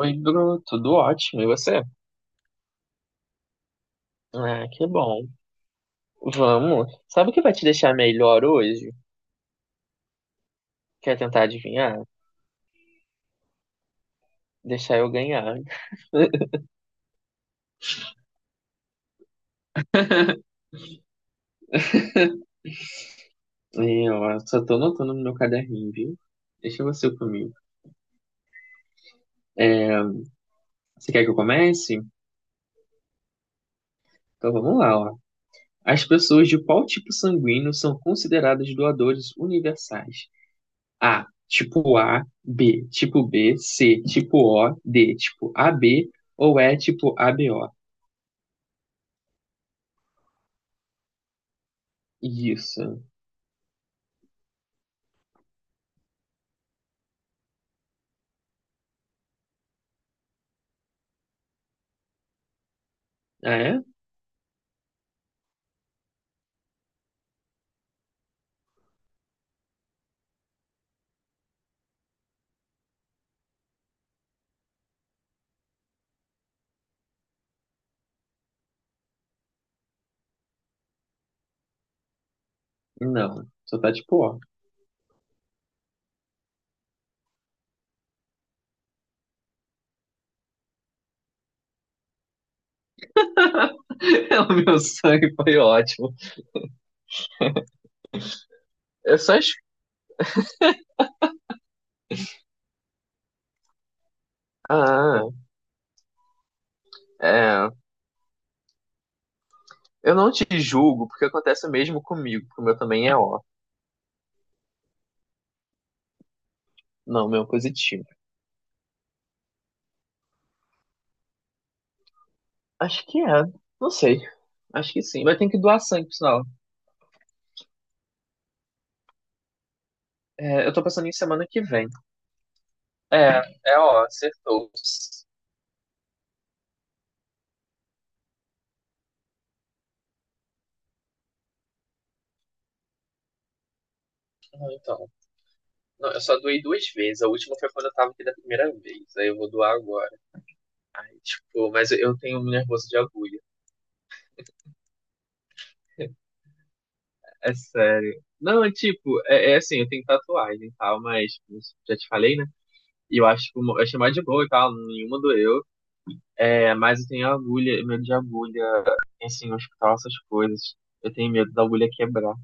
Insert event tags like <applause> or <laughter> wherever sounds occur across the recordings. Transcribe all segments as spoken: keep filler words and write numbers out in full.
Oi, Bruno, tudo ótimo, e você? Ah, que bom. Vamos. Sabe o que vai te deixar melhor hoje? Quer tentar adivinhar? Deixar eu ganhar. Eu ó, só tô anotando no meu caderninho, viu? Deixa você comigo. Você quer que eu comece? Então vamos lá, ó. As pessoas de qual tipo sanguíneo são consideradas doadores universais? A, tipo A, B, tipo B, C, tipo O, D, tipo A B ou E, tipo A B O? Isso. Ah, é? Não. Só tá tipo O. <laughs> É o meu sangue foi ótimo. Eu só. es- Ah, é. Eu não te julgo, porque acontece o mesmo comigo, porque o meu também é ó. Não, o meu é positivo. Acho que é. Não sei. Acho que sim. Vai ter que doar sangue, por sinal. É, eu tô pensando em semana que vem. É, é ó, acertou. Não, então. Não, eu só doei duas vezes. A última foi quando eu tava aqui da primeira vez. Aí eu vou doar agora. Ai, tipo, mas eu eu tenho um nervoso de agulha. É sério. Não, é tipo, é, é assim, eu tenho tatuagem e tal, mas como eu já te falei, né? E eu acho que eu achei mais de boa e tal, nenhuma doeu. É, mas eu tenho agulha, medo de agulha, assim, hospital, essas coisas. Eu tenho medo da agulha quebrar,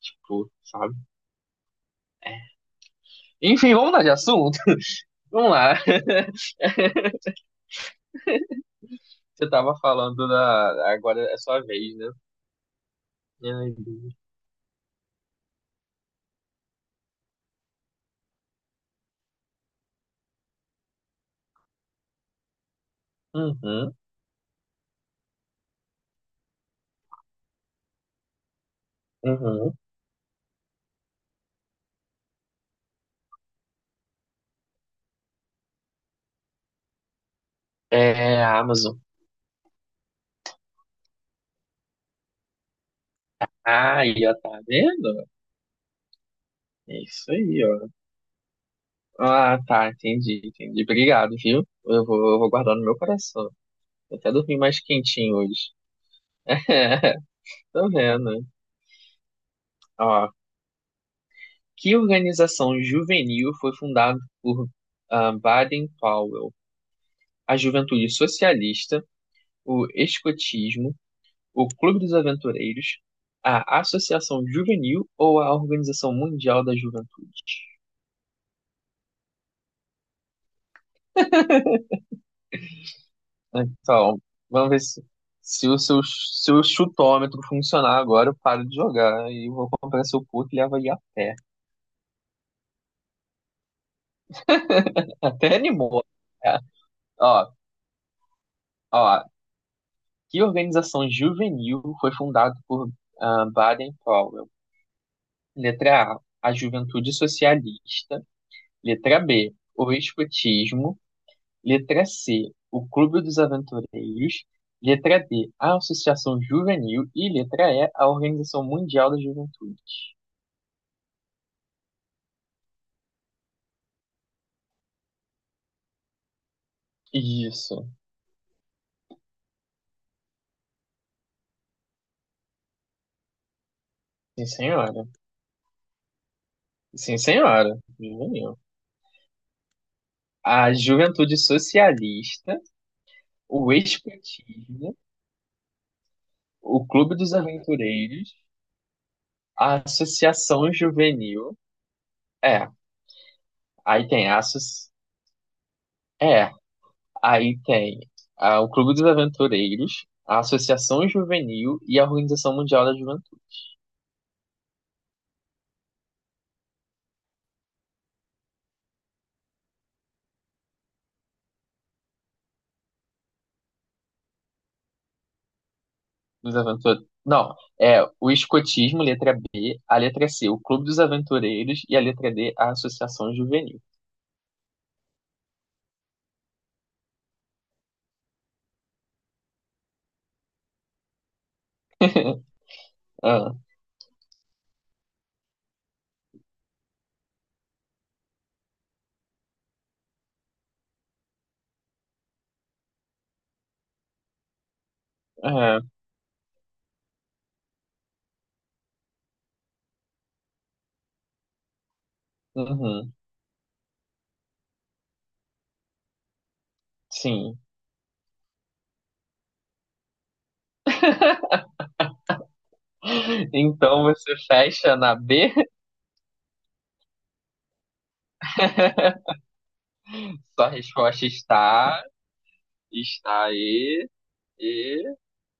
tipo, sabe? Enfim, vamos mudar de assunto? <laughs> Vamos lá. Você tava falando da. Agora é sua vez, né? Ai, Deus. Uhum, uhum. É, Amazon. Aí, ó, tá vendo? É isso aí, ó. Ah, tá, entendi, entendi. Obrigado, viu? Eu vou, eu vou guardar no meu coração. Eu até dormi mais quentinho hoje. <laughs> Tô vendo. Ó, que organização juvenil foi fundada por ah, Baden Powell? A Juventude Socialista, o Escotismo, o Clube dos Aventureiros, a Associação Juvenil ou a Organização Mundial da Juventude? Então, vamos ver se, se o seu, se o chutômetro funcionar agora, eu paro de jogar e vou comprar seu puto e levo aí a pé. <laughs> Até animou. É. Ó, ó, que organização juvenil foi fundada por ah, Baden Powell? Letra A, a Juventude Socialista. Letra B, o Escotismo. Letra C, o Clube dos Aventureiros. Letra D, a Associação Juvenil. E letra E, a Organização Mundial da Juventude. Isso. Sim, senhora. Sim, senhora. Juvenil. A Juventude Socialista, o Escotismo, o Clube dos Aventureiros, a Associação Juvenil. É, aí tem a associ... É, aí tem ah, o Clube dos Aventureiros, a Associação Juvenil e a Organização Mundial da Juventude. Dos Aventu- Não, é o Escotismo, letra B, a letra C, o Clube dos Aventureiros e a letra D, a Associação Juvenil. <laughs> Ah, é, uhum. Sim. Então você fecha na B? <laughs> Sua resposta está, está aí,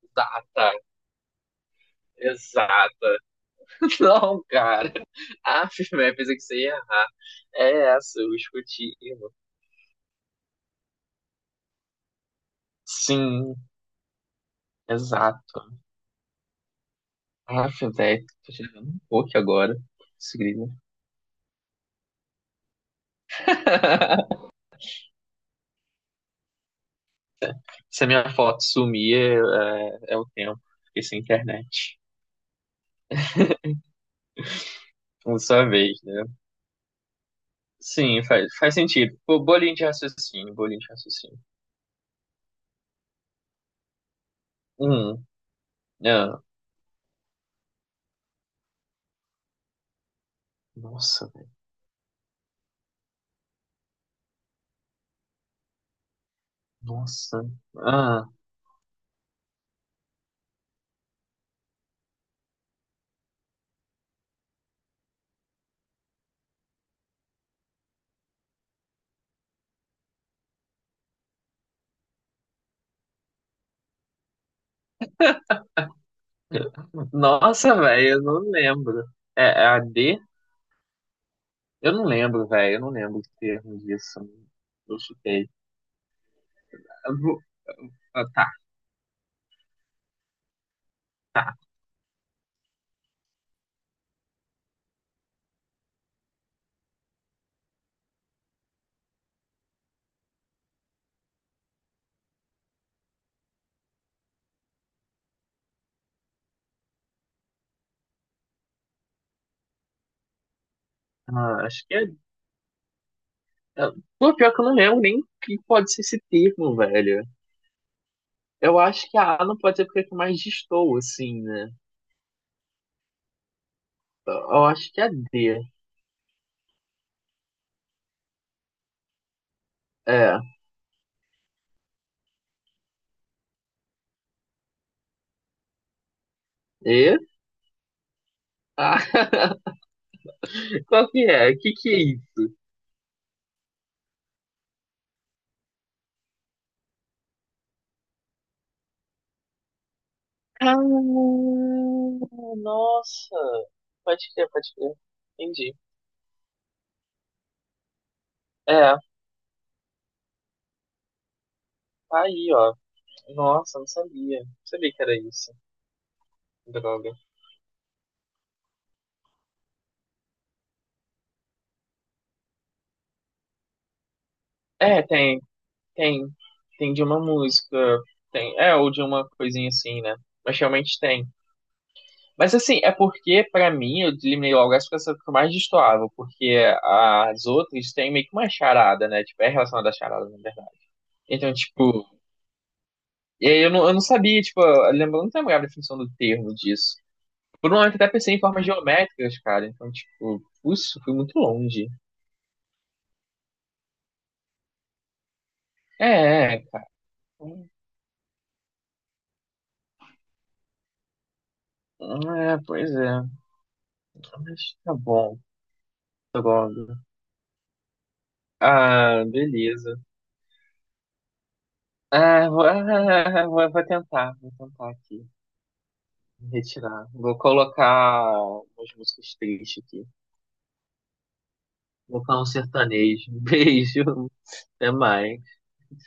exata, exata. <laughs> Não, cara. Ah, eu pensei que você ia errar. É essa, o escutino. Sim, exato. Ah, velho, tô tirando um pouco agora. Isso, grilo. <laughs> Se a minha foto sumir, é, é o tempo. Fiquei sem internet. Uma só vez, né? Sim, faz, faz sentido. Pô, bolinho de raciocínio, bolinho de raciocínio. Hum, ah, nossa, velho, nossa. Ah, <laughs> nossa, velho, eu não lembro. É, é a D? Eu não lembro, velho, eu não lembro o termo disso. Eu chutei. Eu vou- ah, tá, tá. Ah, acho que é. é- Pô, pior que eu não lembro nem o que pode ser esse termo, velho. Eu acho que a A não pode ser porque é que mais destoa, assim, né? Eu eu acho que é D. É. E? Ah. <laughs> Qual que é? O que que é isso? Ah, nossa. Pode crer, pode crer. Entendi. É, tá aí, ó. Nossa, não sabia. Não sabia que era isso. Droga. É, tem, tem. Tem de uma música. Tem. É, ou de uma coisinha assim, né? Mas realmente tem. Mas assim, é porque, pra mim, eu eliminei logo essa porque essa ficou mais destoável. Porque as outras têm meio que uma charada, né? Tipo, é relacionada à charada, na verdade. Então, tipo. E aí eu não, eu não sabia, tipo, eu lembro, eu não lembrava a definição do termo disso. Por um momento eu até pensei em formas geométricas, cara. Então, tipo, isso fui muito longe. É, é, cara. É, pois é. Mas tá bom, tá bom. Ah, beleza. Ah, vou, ah, vou, vou tentar, vou tentar aqui. Me retirar. Vou colocar umas músicas tristes aqui. Vou colocar um sertanejo. <laughs> Beijo. Até mais.